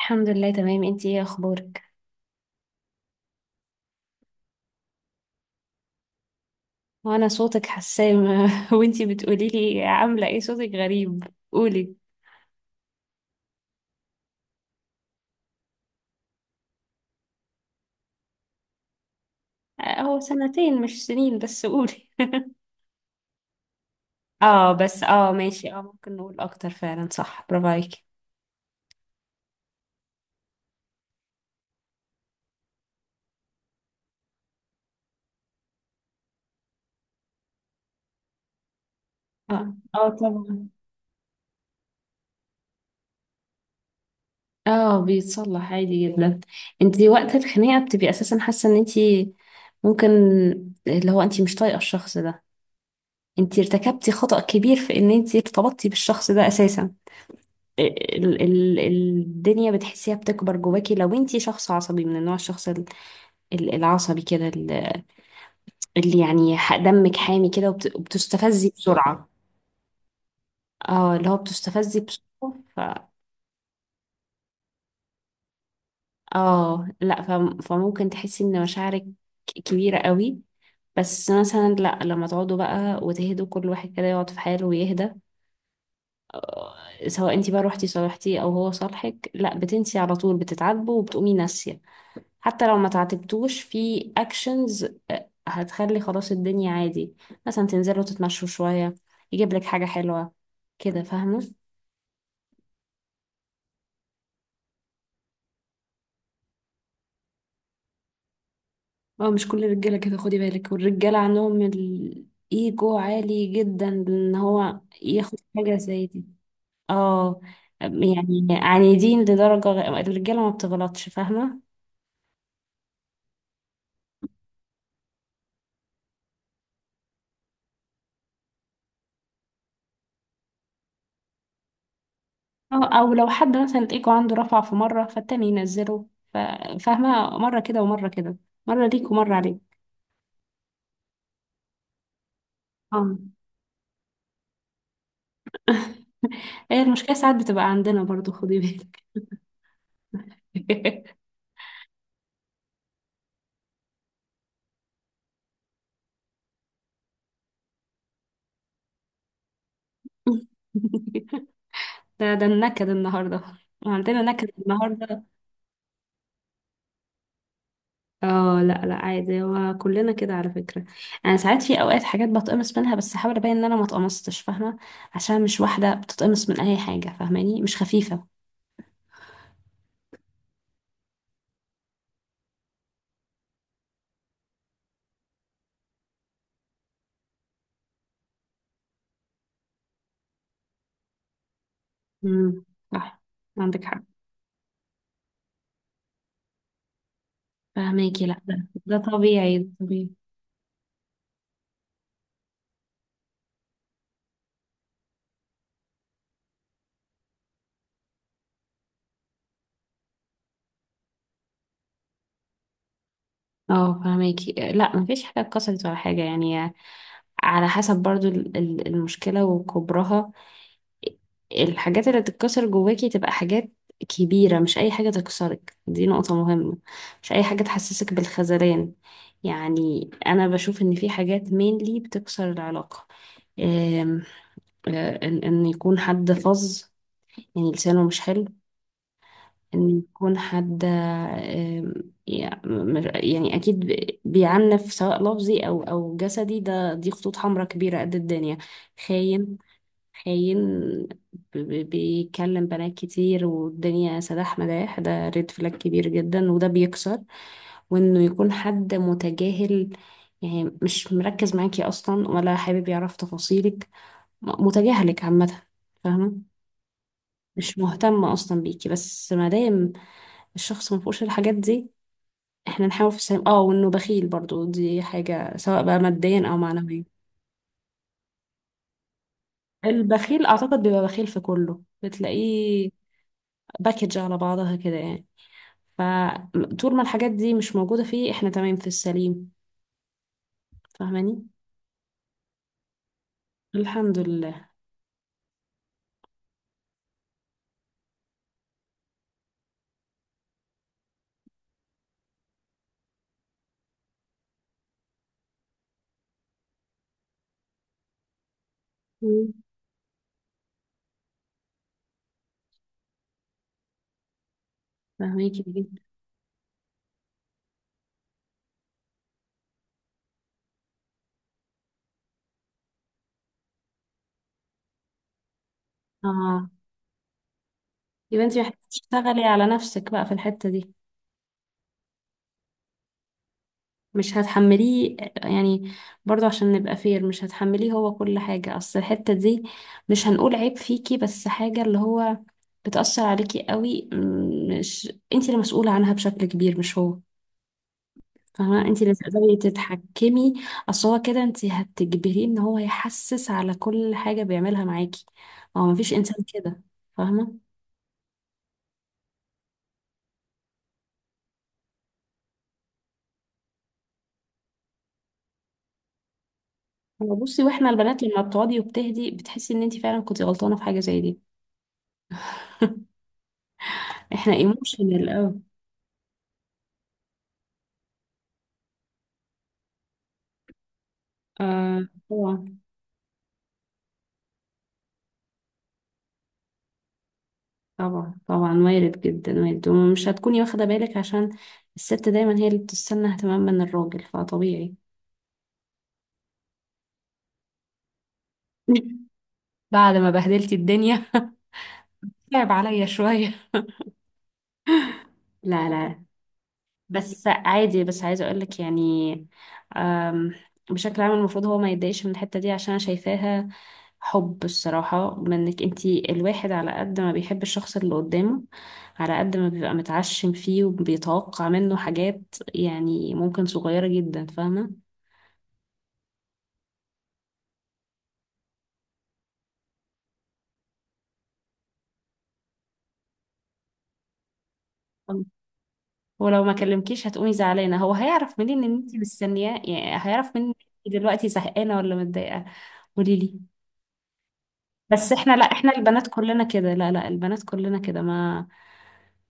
الحمد لله، تمام. انتي ايه اخبارك؟ وانا صوتك حسام. وانتي بتقولي لي عامله ايه؟ صوتك غريب. قولي. اه، هو سنتين مش سنين، بس قولي. اه، بس ماشي، ممكن نقول اكتر فعلا. صح، برافو عليكي. اه، اه، طبعا. اه، بيتصلح عادي جدا. انتي وقت الخناقه بتبقي اساسا حاسه ان انتي، ممكن، اللي هو انتي مش طايقه الشخص ده. انتي ارتكبتي خطأ كبير في ان انتي ارتبطتي بالشخص ده اساسا. الدنيا بتحسيها بتكبر جواكي، لو انتي شخص عصبي من النوع، الشخص العصبي كده، اللي يعني دمك حامي كده، وبتستفزي بسرعة. اه، اللي هو بتستفزي بسرعة، اه، لا، فممكن تحسي ان مشاعرك كبيرة قوي. بس مثلا، لا، لما تقعدوا بقى وتهدوا، كل واحد كده يقعد في حاله ويهدى. آه، سواء انتي بقى روحتي صالحتيه او هو صالحك، لا، بتنسي على طول، بتتعاتبوا وبتقومي ناسية. حتى لو ما تعاتبتوش في اكشنز، هتخلي خلاص الدنيا عادي. مثلا تنزلوا تتمشوا شوية، يجيب لك حاجة حلوة كده، فاهمة؟ اه، مش كل الرجالة كده، خدي بالك، والرجالة عندهم الايجو عالي جدا، ان هو ياخد حاجة زي دي. اه، يعني عنيدين لدرجة، الرجالة ما بتغلطش، فاهمة؟ أو لو حد مثلا الإيجو عنده رفع في مرة، فالتاني ينزله. ف- فاهمة، مرة كده ومرة كده، مرة ليك ومرة عليك. اه. هي المشكلة ساعات بتبقى عندنا برضو، خدي بالك. ده النكد النهاردة. عندنا نكد النهاردة. اه، لا، لا، عادي، هو كلنا كده على فكرة. انا ساعات في اوقات حاجات بتقمص منها، بس احاول ابين ان انا ما اتقمصتش، فاهمة؟ عشان مش واحدة بتتقمص من اي حاجة. فاهماني، مش خفيفة. امم صح، عندك حق. فاهماكي، لا، ده طبيعي، ده طبيعي. اه، فاهماكي، لا، مفيش حاجة اتكسرت ولا حاجة يعني. على حسب برضو المشكلة وكبرها، الحاجات اللي تتكسر جواكي تبقى حاجات كبيرة. مش أي حاجة تكسرك، دي نقطة مهمة. مش أي حاجة تحسسك بالخذلان. يعني أنا بشوف إن في حاجات mainly بتكسر العلاقة. أم، إن يكون حد فظ، يعني لسانه مش حلو. إن يكون حد، يعني أكيد بيعنف، سواء لفظي أو جسدي، دي خطوط حمراء كبيرة قد الدنيا. خاين، خاين. بيكلم بنات كتير، والدنيا سداح مداح، ده ريد فلاج كبير جدا، وده بيكسر. وانه يكون حد متجاهل، يعني مش مركز معاكي اصلا ولا حابب يعرف تفاصيلك، متجاهلك عامة، فاهمة؟ مش مهتم اصلا بيكي. بس ما دام الشخص ما فيهوش الحاجات دي، احنا نحاول في السلام. اه، وانه بخيل برضو دي حاجة، سواء بقى ماديا او معنويا، البخيل اعتقد بيبقى بخيل في كله، بتلاقيه باكج على بعضها كده يعني. فطول ما الحاجات دي مش موجودة فيه، احنا تمام في السليم، فاهماني؟ الحمد لله. مم. فاهميكي جدا. اه، يبقى انت محتاجة تشتغلي على نفسك بقى في الحتة دي، مش هتحمليه يعني. برضو عشان نبقى فير، مش هتحمليه هو كل حاجة، اصل الحتة دي، مش هنقول عيب فيكي، بس حاجة اللي هو بتأثر عليكي قوي، مش انت المسؤولة عنها بشكل كبير، مش هو، فاهمة؟ انت اللي تقدري تتحكمي، اصل هو كده انت هتجبريه ان هو يحسس على كل حاجة بيعملها معاكي، هو مفيش انسان كده، فاهمة؟ هو بصي، واحنا البنات لما بتقعدي وبتهدي بتحسي ان انت فعلا كنتي غلطانة في حاجة زي دي. احنا ايموشنال قوي. آه، طبعا، طبعا، طبعا، وارد جدا، وارد، ومش هتكوني واخدة بالك عشان الست دايما هي اللي بتستنى اهتمام من الراجل، فطبيعي. بعد ما بهدلتي الدنيا. تعب عليا شوية. لا، لا، بس عادي، بس عايزة أقولك يعني، أم، بشكل عام المفروض هو ما يتضايقش من الحتة دي، عشان أنا شايفاها حب الصراحة منك. انتي الواحد على قد ما بيحب الشخص اللي قدامه، على قد ما بيبقى متعشم فيه وبيتوقع منه حاجات، يعني ممكن صغيرة جدا، فاهمة؟ أم. ولو ما كلمكيش هتقومي زعلانة. هو هيعرف منين ان انتي مستنياه؟ يعني هيعرف منين؟ إنتي دلوقتي زهقانة ولا متضايقة؟ قوليلي. بس احنا، لا، احنا البنات كلنا كده، لا، لا، البنات كلنا كده، ما،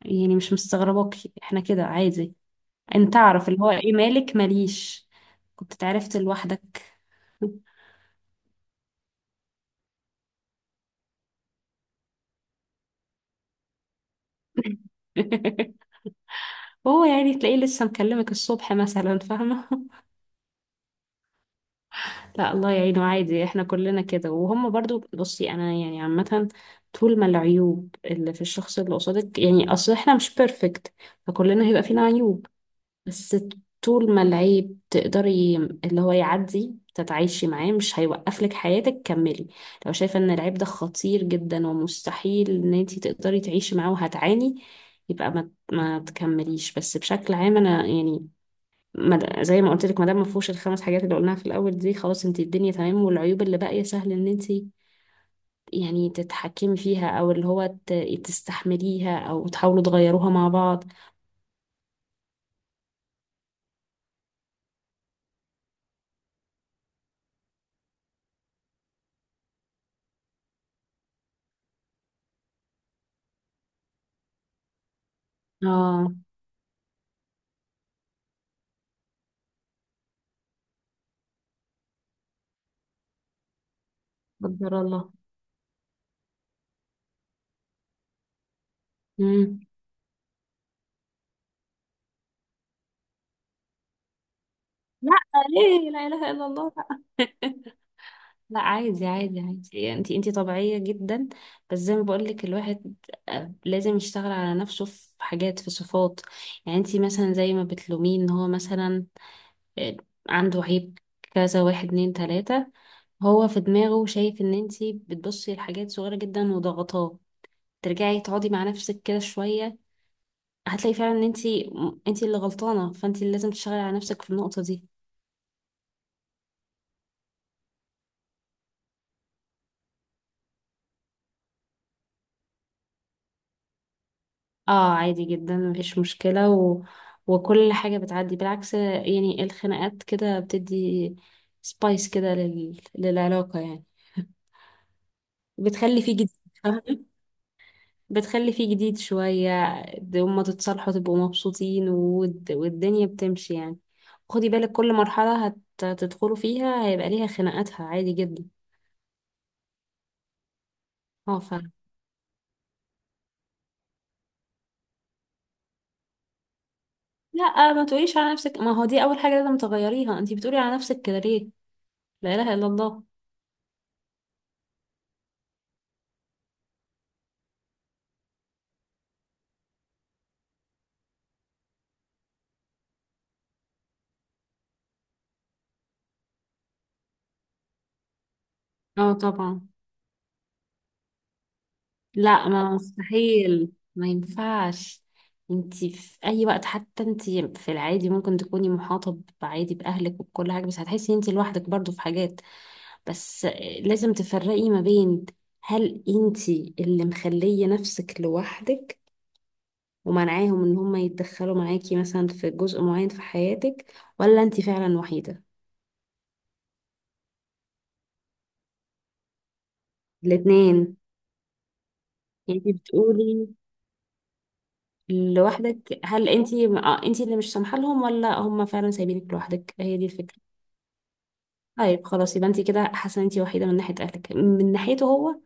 يعني مش مستغرباكي، احنا كده عادي. انت تعرف اللي هو ايه، مالك ماليش، كنت اتعرفت لوحدك. هو يعني تلاقيه لسه مكلمك الصبح مثلا، فاهمة؟ لا، الله يعينه، عادي، احنا كلنا كده وهم برضو. بصي، انا يعني عامة، طول ما العيوب اللي في الشخص اللي قصادك، يعني اصل احنا مش بيرفكت، فكلنا هيبقى فينا عيوب. بس طول ما العيب تقدري اللي هو يعدي، تتعايشي معاه، مش هيوقف لك حياتك، كملي. لو شايفة ان العيب ده خطير جدا ومستحيل ان انتي تقدري تعيشي معاه وهتعاني، يبقى ما تكمليش. بس بشكل عام انا يعني، زي ما قلت لك، ما دام ما فيهوش الخمس حاجات اللي قلناها في الاول دي، خلاص انتي الدنيا تمام، والعيوب اللي باقية سهل ان انتي يعني تتحكمي فيها، او اللي هو تستحمليها، او تحاولوا تغيروها مع بعض. اه، قدر الله. لا، ليه؟ لا اله الا الله. لا. لا، عادي، عادي، عادي، انت طبيعيه جدا. بس زي ما بقول لك الواحد، لازم يشتغل على نفسه في حاجات، في صفات. يعني انت مثلا زي ما بتلوميه ان هو مثلا، آه، عنده عيب كذا، واحد، اتنين، تلاته، هو في دماغه شايف ان انت بتبصي لحاجات صغيره جدا وضغطاه. ترجعي تقعدي مع نفسك كده شويه، هتلاقي فعلا ان انت اللي غلطانه، فانت اللي لازم تشتغلي على نفسك في النقطه دي. اه، عادي جدا مفيش مشكلة وكل حاجة بتعدي، بالعكس يعني، الخناقات كده بتدي سبايس كده للعلاقة يعني، بتخلي فيه جديد، فاهمة؟ بتخلي فيه جديد شوية. هما تتصالحوا تبقوا مبسوطين، والدنيا بتمشي يعني. خدي بالك كل مرحلة هتدخلوا فيها هيبقى ليها خناقاتها، عادي جدا. اه فعلا. لا، ما تقوليش على نفسك، ما هو دي أول حاجة لازم تغيريها، انتي بتقولي على نفسك كده ليه؟ لا إله إلا الله. اه، طبعا. لا، ما، مستحيل، ما ينفعش. انتي في اي وقت، حتى انتي في العادي ممكن تكوني محاطة عادي باهلك وبكل حاجة، بس هتحسي انتي لوحدك برضو في حاجات. بس لازم تفرقي ما بين هل انتي اللي مخلية نفسك لوحدك ومنعاهم ان هما يتدخلوا معاكي مثلا في جزء معين في حياتك، ولا انتي فعلا وحيدة؟ الاتنين. يعني انتي بتقولي لوحدك، هل انتي، انتي اللي مش سامحة لهم، ولا هم فعلا سايبينك لوحدك؟ هي دي الفكرة. طيب خلاص، يبقى انت كده حاسه ان انت وحيده من ناحيه اهلك، من ناحيته هو،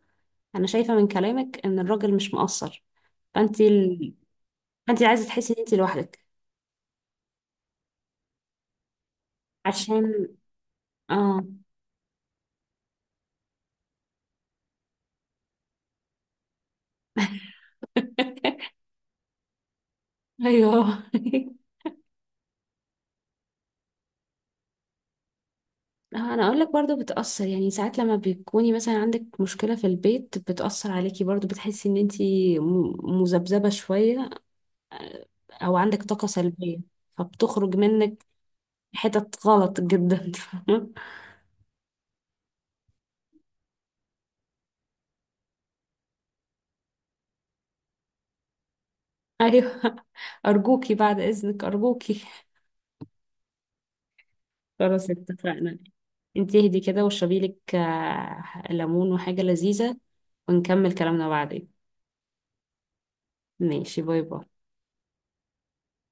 انا شايفه من كلامك ان الراجل مش مقصر، فانت فانت عايزه تحسي ان انت لوحدك، عشان... اه. ايوه. انا اقول لك، برضو بتاثر يعني، ساعات لما بتكوني مثلا عندك مشكله في البيت بتاثر عليكي برضو، بتحسي ان انت مذبذبه شويه، آه، او عندك طاقه سلبيه، فبتخرج منك حتت غلط جدا. فاهمة؟ ايوه. ارجوكي بعد اذنك، ارجوكي. خلاص اتفقنا. انت اهدي كده، واشربي لك ليمون وحاجة لذيذة، ونكمل كلامنا بعدين. ماشي، باي باي.